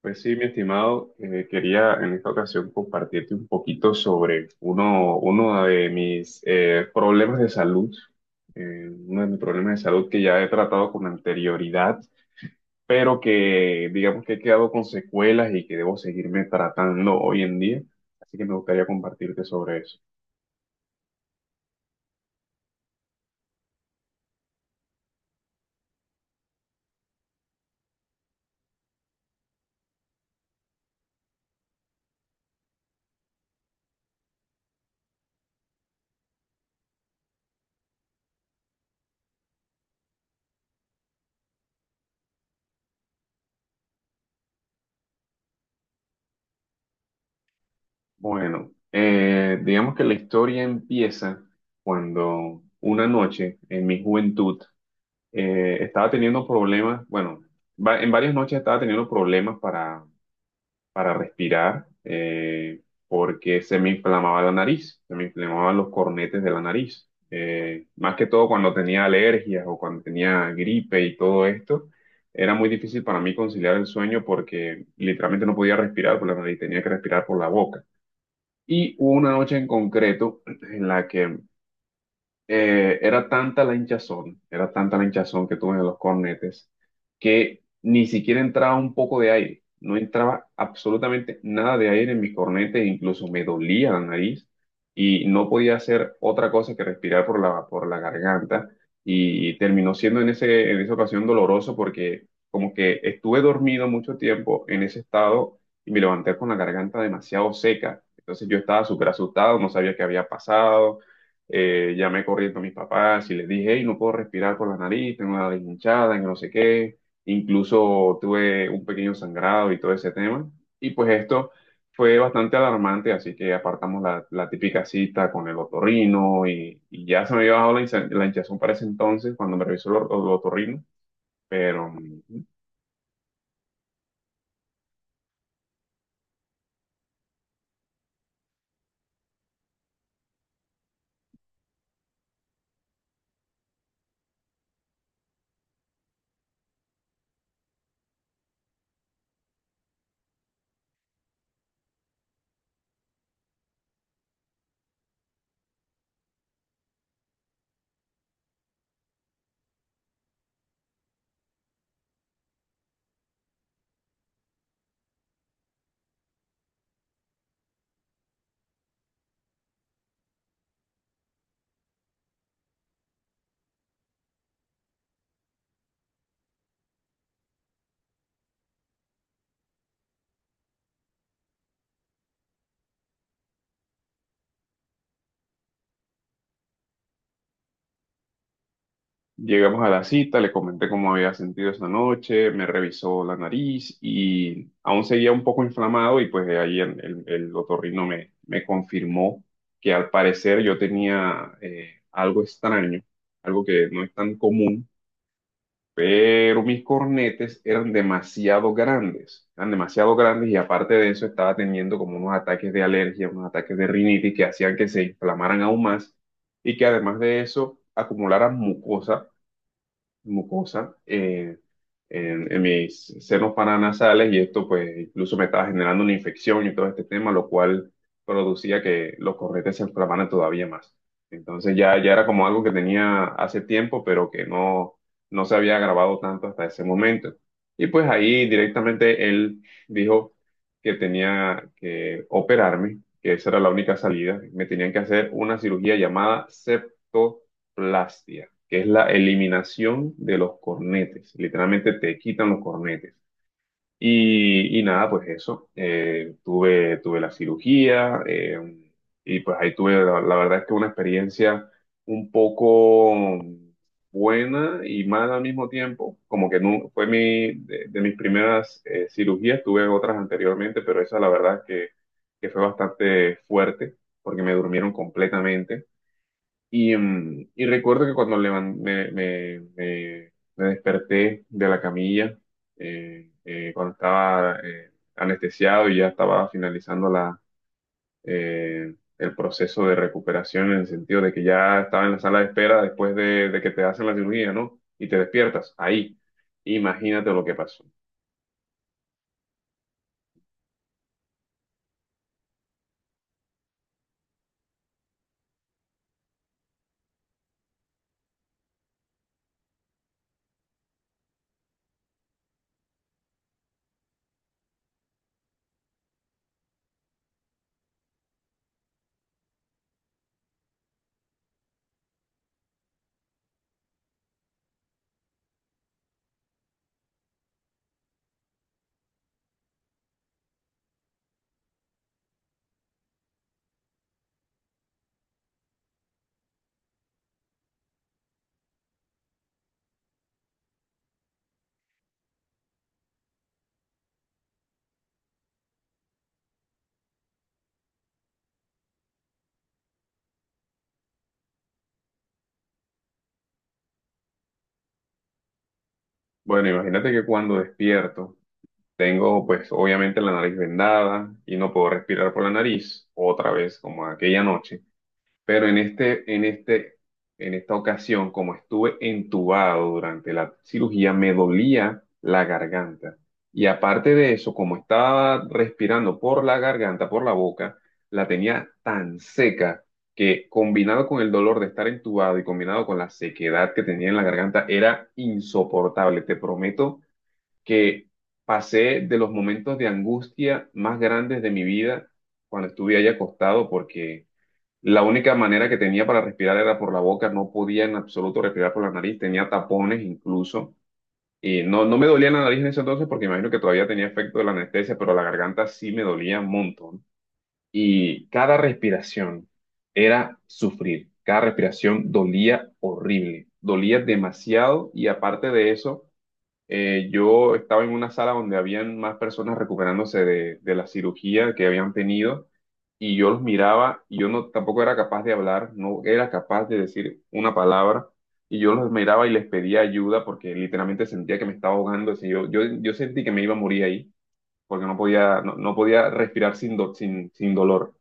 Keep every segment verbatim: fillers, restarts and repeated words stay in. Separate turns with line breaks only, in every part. Pues sí, mi estimado, eh, quería en esta ocasión compartirte un poquito sobre uno, uno de mis eh, problemas de salud, eh, uno de mis problemas de salud que ya he tratado con anterioridad, pero que digamos que he quedado con secuelas y que debo seguirme tratando hoy en día, así que me gustaría compartirte sobre eso. Bueno, eh, digamos que la historia empieza cuando una noche en mi juventud, eh, estaba teniendo problemas, bueno, va- en varias noches estaba teniendo problemas para, para respirar eh, porque se me inflamaba la nariz, se me inflamaban los cornetes de la nariz. Eh, más que todo cuando tenía alergias o cuando tenía gripe y todo esto, era muy difícil para mí conciliar el sueño porque literalmente no podía respirar por la nariz, tenía que respirar por la boca. Y hubo una noche en concreto en la que eh, era tanta la hinchazón, era tanta la hinchazón que tuve en los cornetes, que ni siquiera entraba un poco de aire, no entraba absolutamente nada de aire en mi cornete, incluso me dolía la nariz y no podía hacer otra cosa que respirar por la, por la garganta y terminó siendo en ese, en esa ocasión doloroso porque como que estuve dormido mucho tiempo en ese estado y me levanté con la garganta demasiado seca. Entonces yo estaba súper asustado, no sabía qué había pasado. Eh, llamé corriendo a mis papás y les dije, hey, no puedo respirar por la nariz, tengo la nariz hinchada, no sé qué. Incluso tuve un pequeño sangrado y todo ese tema. Y pues esto fue bastante alarmante, así que apartamos la, la típica cita con el otorrino y, y ya se me había bajado la, hincha- la hinchazón para ese entonces cuando me revisó el, or- el otorrino, pero... mm, llegamos a la cita, le comenté cómo había sentido esa noche, me revisó la nariz y aún seguía un poco inflamado y pues de ahí el, el, el otorrino me, me confirmó que al parecer yo tenía eh, algo extraño, algo que no es tan común, pero mis cornetes eran demasiado grandes, eran demasiado grandes y aparte de eso estaba teniendo como unos ataques de alergia, unos ataques de rinitis que hacían que se inflamaran aún más y que además de eso acumularan mucosa mucosa eh, en, en mis senos paranasales y esto pues incluso me estaba generando una infección y todo este tema, lo cual producía que los corretes se inflamaran todavía más. Entonces ya, ya era como algo que tenía hace tiempo, pero que no, no se había agravado tanto hasta ese momento. Y pues ahí directamente él dijo que tenía que operarme, que esa era la única salida. Me tenían que hacer una cirugía llamada septoplastia que es la eliminación de los cornetes. Literalmente te quitan los cornetes. Y, y nada, pues eso. Eh, tuve, tuve la cirugía eh, y pues ahí tuve, la, la verdad es que una experiencia un poco buena y mala al mismo tiempo. Como que no, fue mi, de, de mis primeras eh, cirugías, tuve otras anteriormente, pero esa la verdad es que, que fue bastante fuerte porque me durmieron completamente. Y, mm, y recuerdo que cuando levan- me, me- me- me desperté de la camilla, eh, eh, cuando estaba eh, anestesiado y ya estaba finalizando la, eh, el proceso de recuperación en el sentido de que ya estaba en la sala de espera después de, de que te hacen la cirugía, ¿no? Y te despiertas ahí. Imagínate lo que pasó. Bueno, imagínate que cuando despierto tengo pues obviamente la nariz vendada y no puedo respirar por la nariz otra vez como aquella noche. Pero en este, en este, en esta ocasión, como estuve entubado durante la cirugía, me dolía la garganta. Y aparte de eso, como estaba respirando por la garganta, por la boca, la tenía tan seca que combinado con el dolor de estar entubado y combinado con la sequedad que tenía en la garganta, era insoportable. Te prometo que pasé de los momentos de angustia más grandes de mi vida cuando estuve ahí acostado porque la única manera que tenía para respirar era por la boca, no podía en absoluto respirar por la nariz, tenía tapones incluso. Y no, no me dolía la nariz en ese entonces porque imagino que todavía tenía efecto de la anestesia, pero la garganta sí me dolía un montón. Y cada respiración era sufrir, cada respiración dolía horrible, dolía demasiado y aparte de eso eh, yo estaba en una sala donde habían más personas recuperándose de, de la cirugía que habían tenido y yo los miraba y yo no tampoco era capaz de hablar, no era capaz de decir una palabra y yo los miraba y les pedía ayuda porque literalmente sentía que me estaba ahogando, o sea, yo, yo, yo sentí que me iba a morir ahí porque no podía, no, no podía respirar sin, do- sin, sin dolor.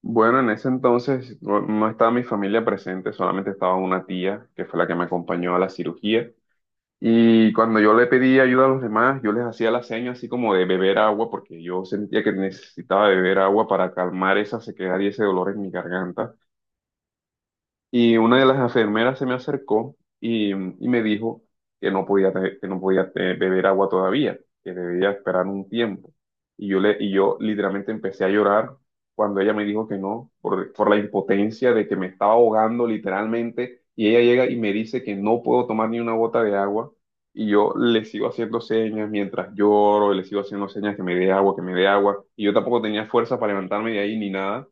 Bueno, en ese entonces no no estaba mi familia presente, solamente estaba una tía que fue la que me acompañó a la cirugía. Y cuando yo le pedí ayuda a los demás, yo les hacía la seña así como de beber agua, porque yo sentía que necesitaba beber agua para calmar esa sequedad y ese dolor en mi garganta. Y una de las enfermeras se me acercó y, y me dijo que no podía, te- que no podía eh, beber agua todavía, que debía esperar un tiempo. Y yo, le, y yo literalmente empecé a llorar cuando ella me dijo que no, por, por la impotencia de que me estaba ahogando literalmente. Y ella llega y me dice que no puedo tomar ni una gota de agua. Y yo le sigo haciendo señas mientras lloro, le sigo haciendo señas que me dé agua, que me dé agua. Y yo tampoco tenía fuerza para levantarme de ahí ni nada.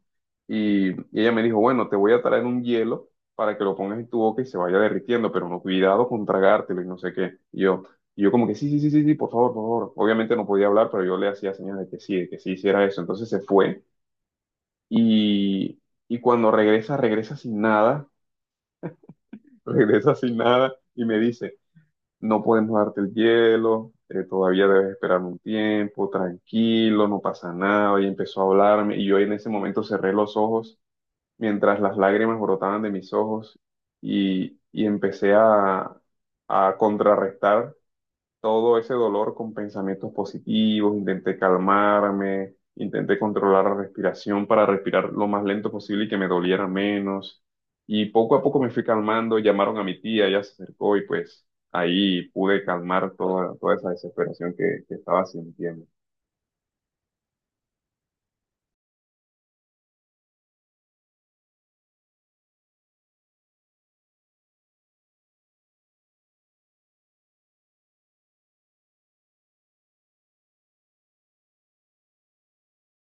Y, y ella me dijo, bueno, te voy a traer un hielo para que lo pongas en tu boca y se vaya derritiendo, pero no, cuidado con tragártelo y no sé qué. Y yo, y yo como que sí, sí, sí, sí, sí, por favor, por favor. Obviamente no podía hablar, pero yo le hacía señas de que sí, de que sí hiciera eso. Entonces se fue y, y cuando regresa, regresa sin nada, regresa sin nada y me dice, no podemos darte el hielo, eh, todavía debes esperar un tiempo, tranquilo, no pasa nada. Y empezó a hablarme y yo en ese momento cerré los ojos mientras las lágrimas brotaban de mis ojos y, y empecé a, a contrarrestar todo ese dolor con pensamientos positivos, intenté calmarme, intenté controlar la respiración para respirar lo más lento posible y que me doliera menos. Y poco a poco me fui calmando, llamaron a mi tía, ella se acercó y pues ahí pude calmar toda, toda esa desesperación que que estaba sintiendo.